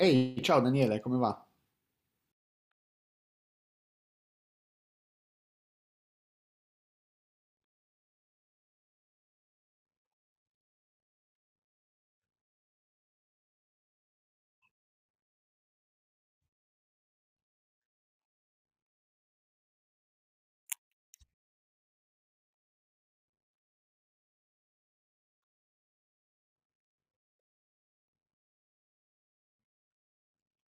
Ehi, ciao Daniele, come va?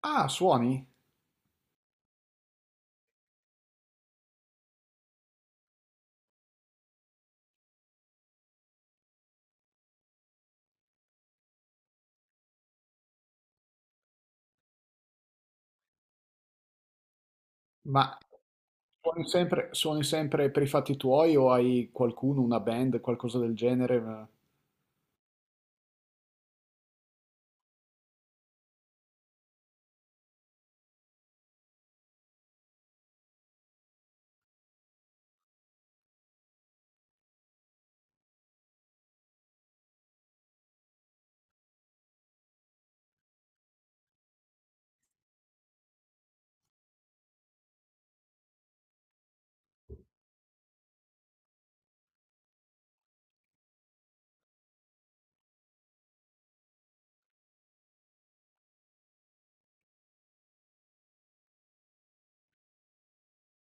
Ah, suoni? Ma suoni sempre per i fatti tuoi o hai qualcuno, una band, qualcosa del genere?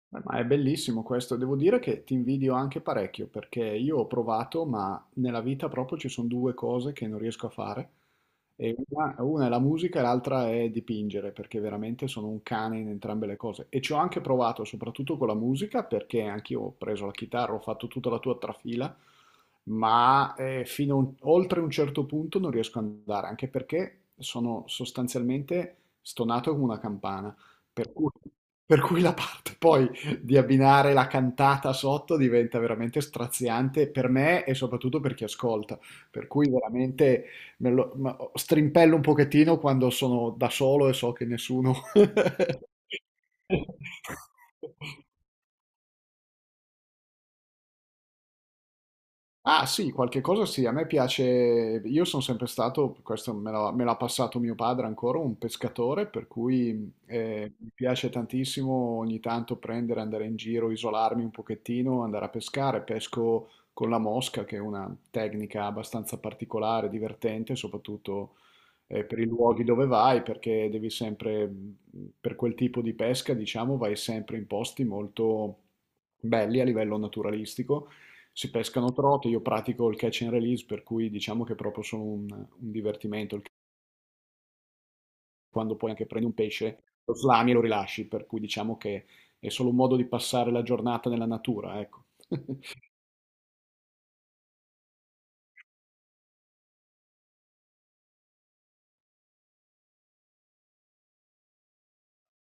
Beh, ma è bellissimo questo, devo dire che ti invidio anche parecchio perché io ho provato, ma nella vita proprio ci sono due cose che non riesco a fare. E una è la musica e l'altra è dipingere, perché veramente sono un cane in entrambe le cose. E ci ho anche provato, soprattutto con la musica, perché anch'io ho preso la chitarra, ho fatto tutta la tua trafila, ma oltre un certo punto non riesco ad andare, anche perché sono sostanzialmente stonato come una campana. Per cui, per cui la parte poi di abbinare la cantata sotto diventa veramente straziante per me e soprattutto per chi ascolta. Per cui veramente strimpello un pochettino quando sono da solo e so che nessuno Ah sì, qualche cosa sì, a me piace, io sono sempre stato, questo me l'ha passato mio padre ancora, un pescatore, per cui mi piace tantissimo ogni tanto prendere, andare in giro, isolarmi un pochettino, andare a pescare, pesco con la mosca, che è una tecnica abbastanza particolare, divertente, soprattutto per i luoghi dove vai, perché devi sempre, per quel tipo di pesca, diciamo, vai sempre in posti molto belli a livello naturalistico. Si pescano trote, io pratico il catch and release, per cui diciamo che è proprio solo un divertimento, quando poi anche prendi un pesce, lo slami e lo rilasci, per cui diciamo che è solo un modo di passare la giornata nella natura, ecco.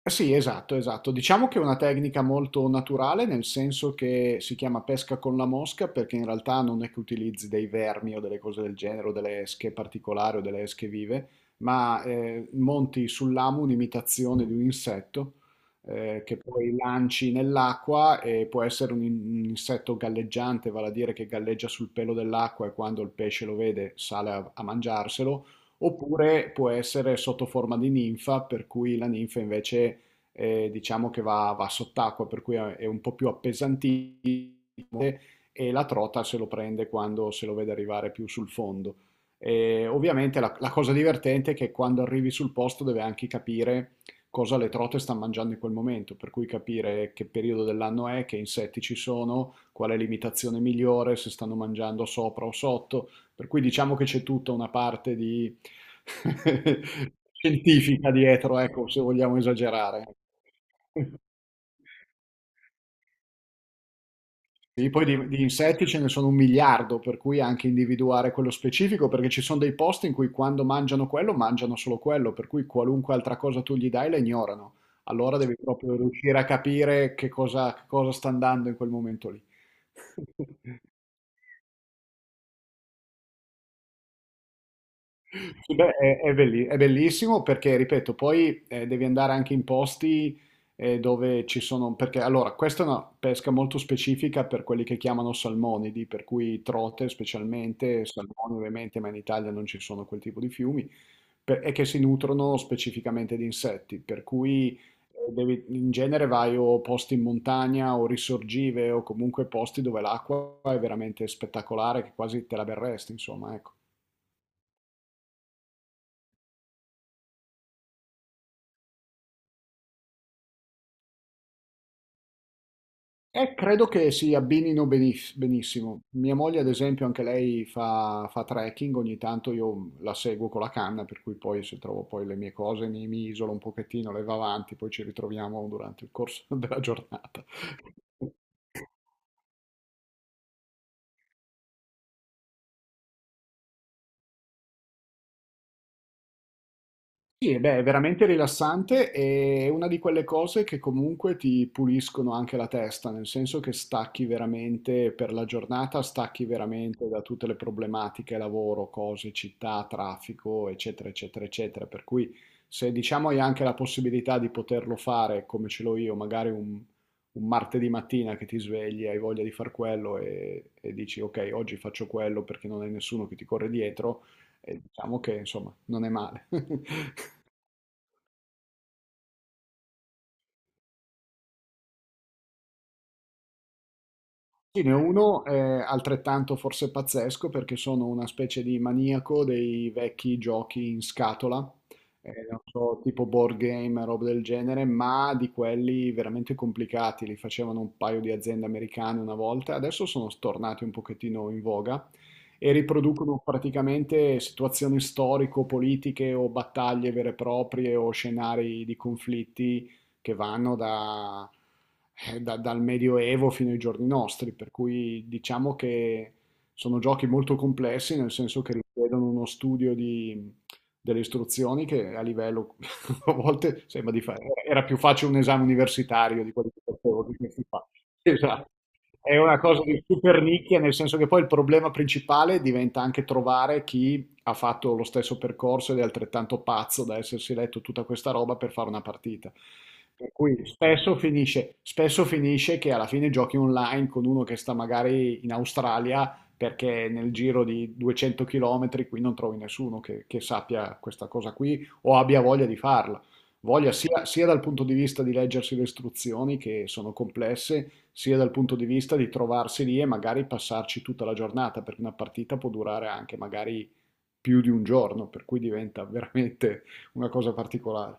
Eh sì, esatto, esatto. Diciamo che è una tecnica molto naturale, nel senso che si chiama pesca con la mosca, perché in realtà non è che utilizzi dei vermi o delle cose del genere, o delle esche particolari o delle esche vive, ma monti sull'amo un'imitazione di un insetto che poi lanci nell'acqua e può essere un insetto galleggiante, vale a dire che galleggia sul pelo dell'acqua e quando il pesce lo vede sale a mangiarselo. Oppure può essere sotto forma di ninfa, per cui la ninfa invece diciamo che va sott'acqua, per cui è un po' più appesantito e la trota se lo prende quando se lo vede arrivare più sul fondo. E ovviamente la cosa divertente è che quando arrivi sul posto deve anche capire cosa le trote stanno mangiando in quel momento, per cui capire che periodo dell'anno è, che insetti ci sono, qual è l'imitazione migliore, se stanno mangiando sopra o sotto. Per cui diciamo che c'è tutta una parte di scientifica dietro, ecco, se vogliamo esagerare. Sì, poi di insetti ce ne sono un miliardo, per cui anche individuare quello specifico, perché ci sono dei posti in cui quando mangiano quello, mangiano solo quello, per cui qualunque altra cosa tu gli dai la ignorano. Allora devi proprio riuscire a capire che cosa sta andando in quel momento lì. Sì, beh, è bellissimo perché, ripeto, poi devi andare anche in posti dove ci sono, perché allora, questa è una pesca molto specifica per quelli che chiamano salmonidi, per cui trote specialmente, salmoni ovviamente, ma in Italia non ci sono quel tipo di fiumi, e che si nutrono specificamente di insetti, per cui in genere vai o posti in montagna o risorgive o comunque posti dove l'acqua è veramente spettacolare, che quasi te la berresti, insomma, ecco. Credo che si benissimo. Mia moglie, ad esempio, anche lei fa trekking, ogni tanto io la seguo con la canna, per cui poi se trovo poi le mie cose mi isolo un pochettino, le va avanti, poi ci ritroviamo durante il corso della giornata. Sì, beh, è veramente rilassante e è una di quelle cose che comunque ti puliscono anche la testa, nel senso che stacchi veramente per la giornata, stacchi veramente da tutte le problematiche, lavoro, cose, città, traffico, eccetera, eccetera, eccetera. Per cui se diciamo hai anche la possibilità di poterlo fare come ce l'ho io, magari un martedì mattina che ti svegli, hai voglia di far quello e dici ok, oggi faccio quello perché non hai nessuno che ti corre dietro, e diciamo che insomma non è male. Sì, ne ho uno altrettanto forse pazzesco perché sono una specie di maniaco dei vecchi giochi in scatola, non so, tipo board game, roba del genere, ma di quelli veramente complicati, li facevano un paio di aziende americane una volta, adesso sono tornati un pochettino in voga e riproducono praticamente situazioni storico-politiche o battaglie vere e proprie o scenari di conflitti che vanno dal Medioevo fino ai giorni nostri, per cui diciamo che sono giochi molto complessi, nel senso che richiedono delle istruzioni che a livello, a volte sembra di fare, era più facile un esame universitario di quelli che facevo, di questi qua. Esatto. È una cosa di super nicchia, nel senso che poi il problema principale diventa anche trovare chi ha fatto lo stesso percorso ed è altrettanto pazzo da essersi letto tutta questa roba per fare una partita. Per cui spesso finisce che alla fine giochi online con uno che sta magari in Australia perché nel giro di 200 km qui non trovi nessuno che sappia questa cosa qui o abbia voglia di farla. Voglia sia dal punto di vista di leggersi le istruzioni che sono complesse, sia dal punto di vista di trovarsi lì e magari passarci tutta la giornata, perché una partita può durare anche magari più di un giorno, per cui diventa veramente una cosa particolare.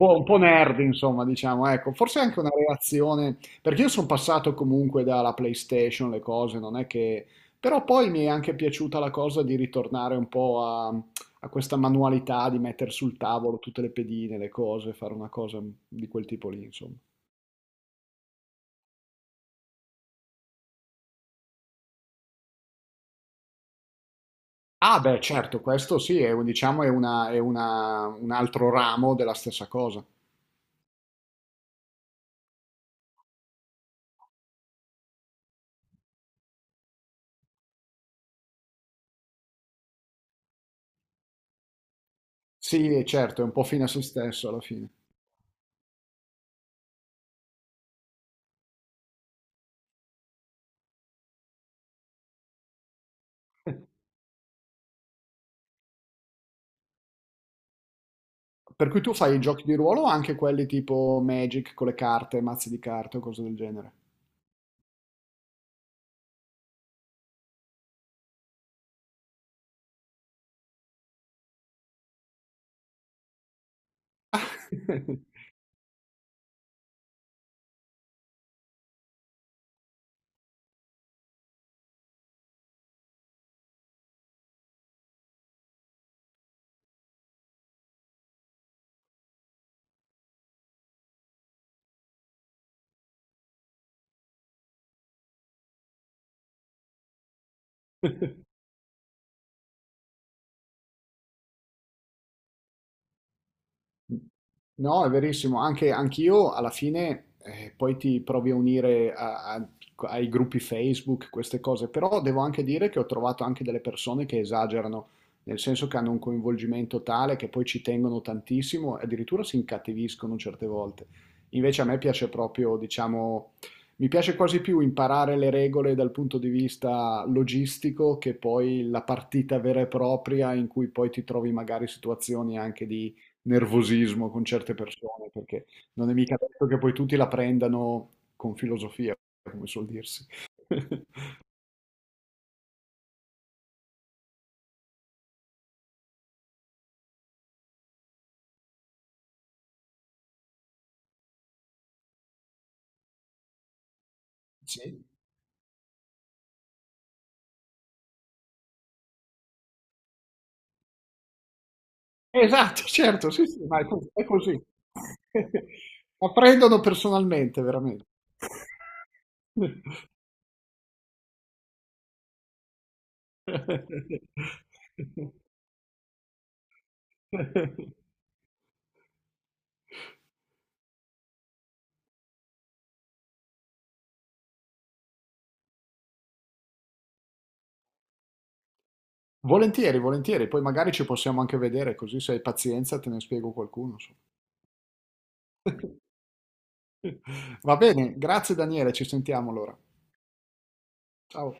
Un po' nerd, insomma, diciamo, ecco, forse anche una relazione, perché io sono passato comunque dalla PlayStation, le cose, non è che... Però poi mi è anche piaciuta la cosa di ritornare un po' a questa manualità di mettere sul tavolo tutte le pedine, le cose, fare una cosa di quel tipo lì, insomma. Ah, beh, certo, questo sì, è, un- diciamo, è una- un altro ramo della stessa cosa. Sì, certo, è un po' fine a se stesso alla fine. Per cui tu fai i giochi di ruolo o anche quelli tipo Magic con le carte, mazzi di carte o cose del genere? No, è verissimo, anche anch'io alla fine poi ti provi a unire ai gruppi Facebook, queste cose, però devo anche dire che ho trovato anche delle persone che esagerano, nel senso che hanno un coinvolgimento tale che poi ci tengono tantissimo e addirittura si incattiviscono certe volte. Invece a me piace proprio, diciamo, mi piace quasi più imparare le regole dal punto di vista logistico che poi la partita vera e propria in cui poi ti trovi magari situazioni anche di nervosismo con certe persone, perché non è mica detto che poi tutti la prendano con filosofia, come suol dirsi. Sì. Esatto, certo, sì, sì, ma è così. La prendono personalmente, veramente. Volentieri, volentieri, poi magari ci possiamo anche vedere, così se hai pazienza te ne spiego qualcuno. Insomma. Va bene, grazie Daniele, ci sentiamo allora. Ciao.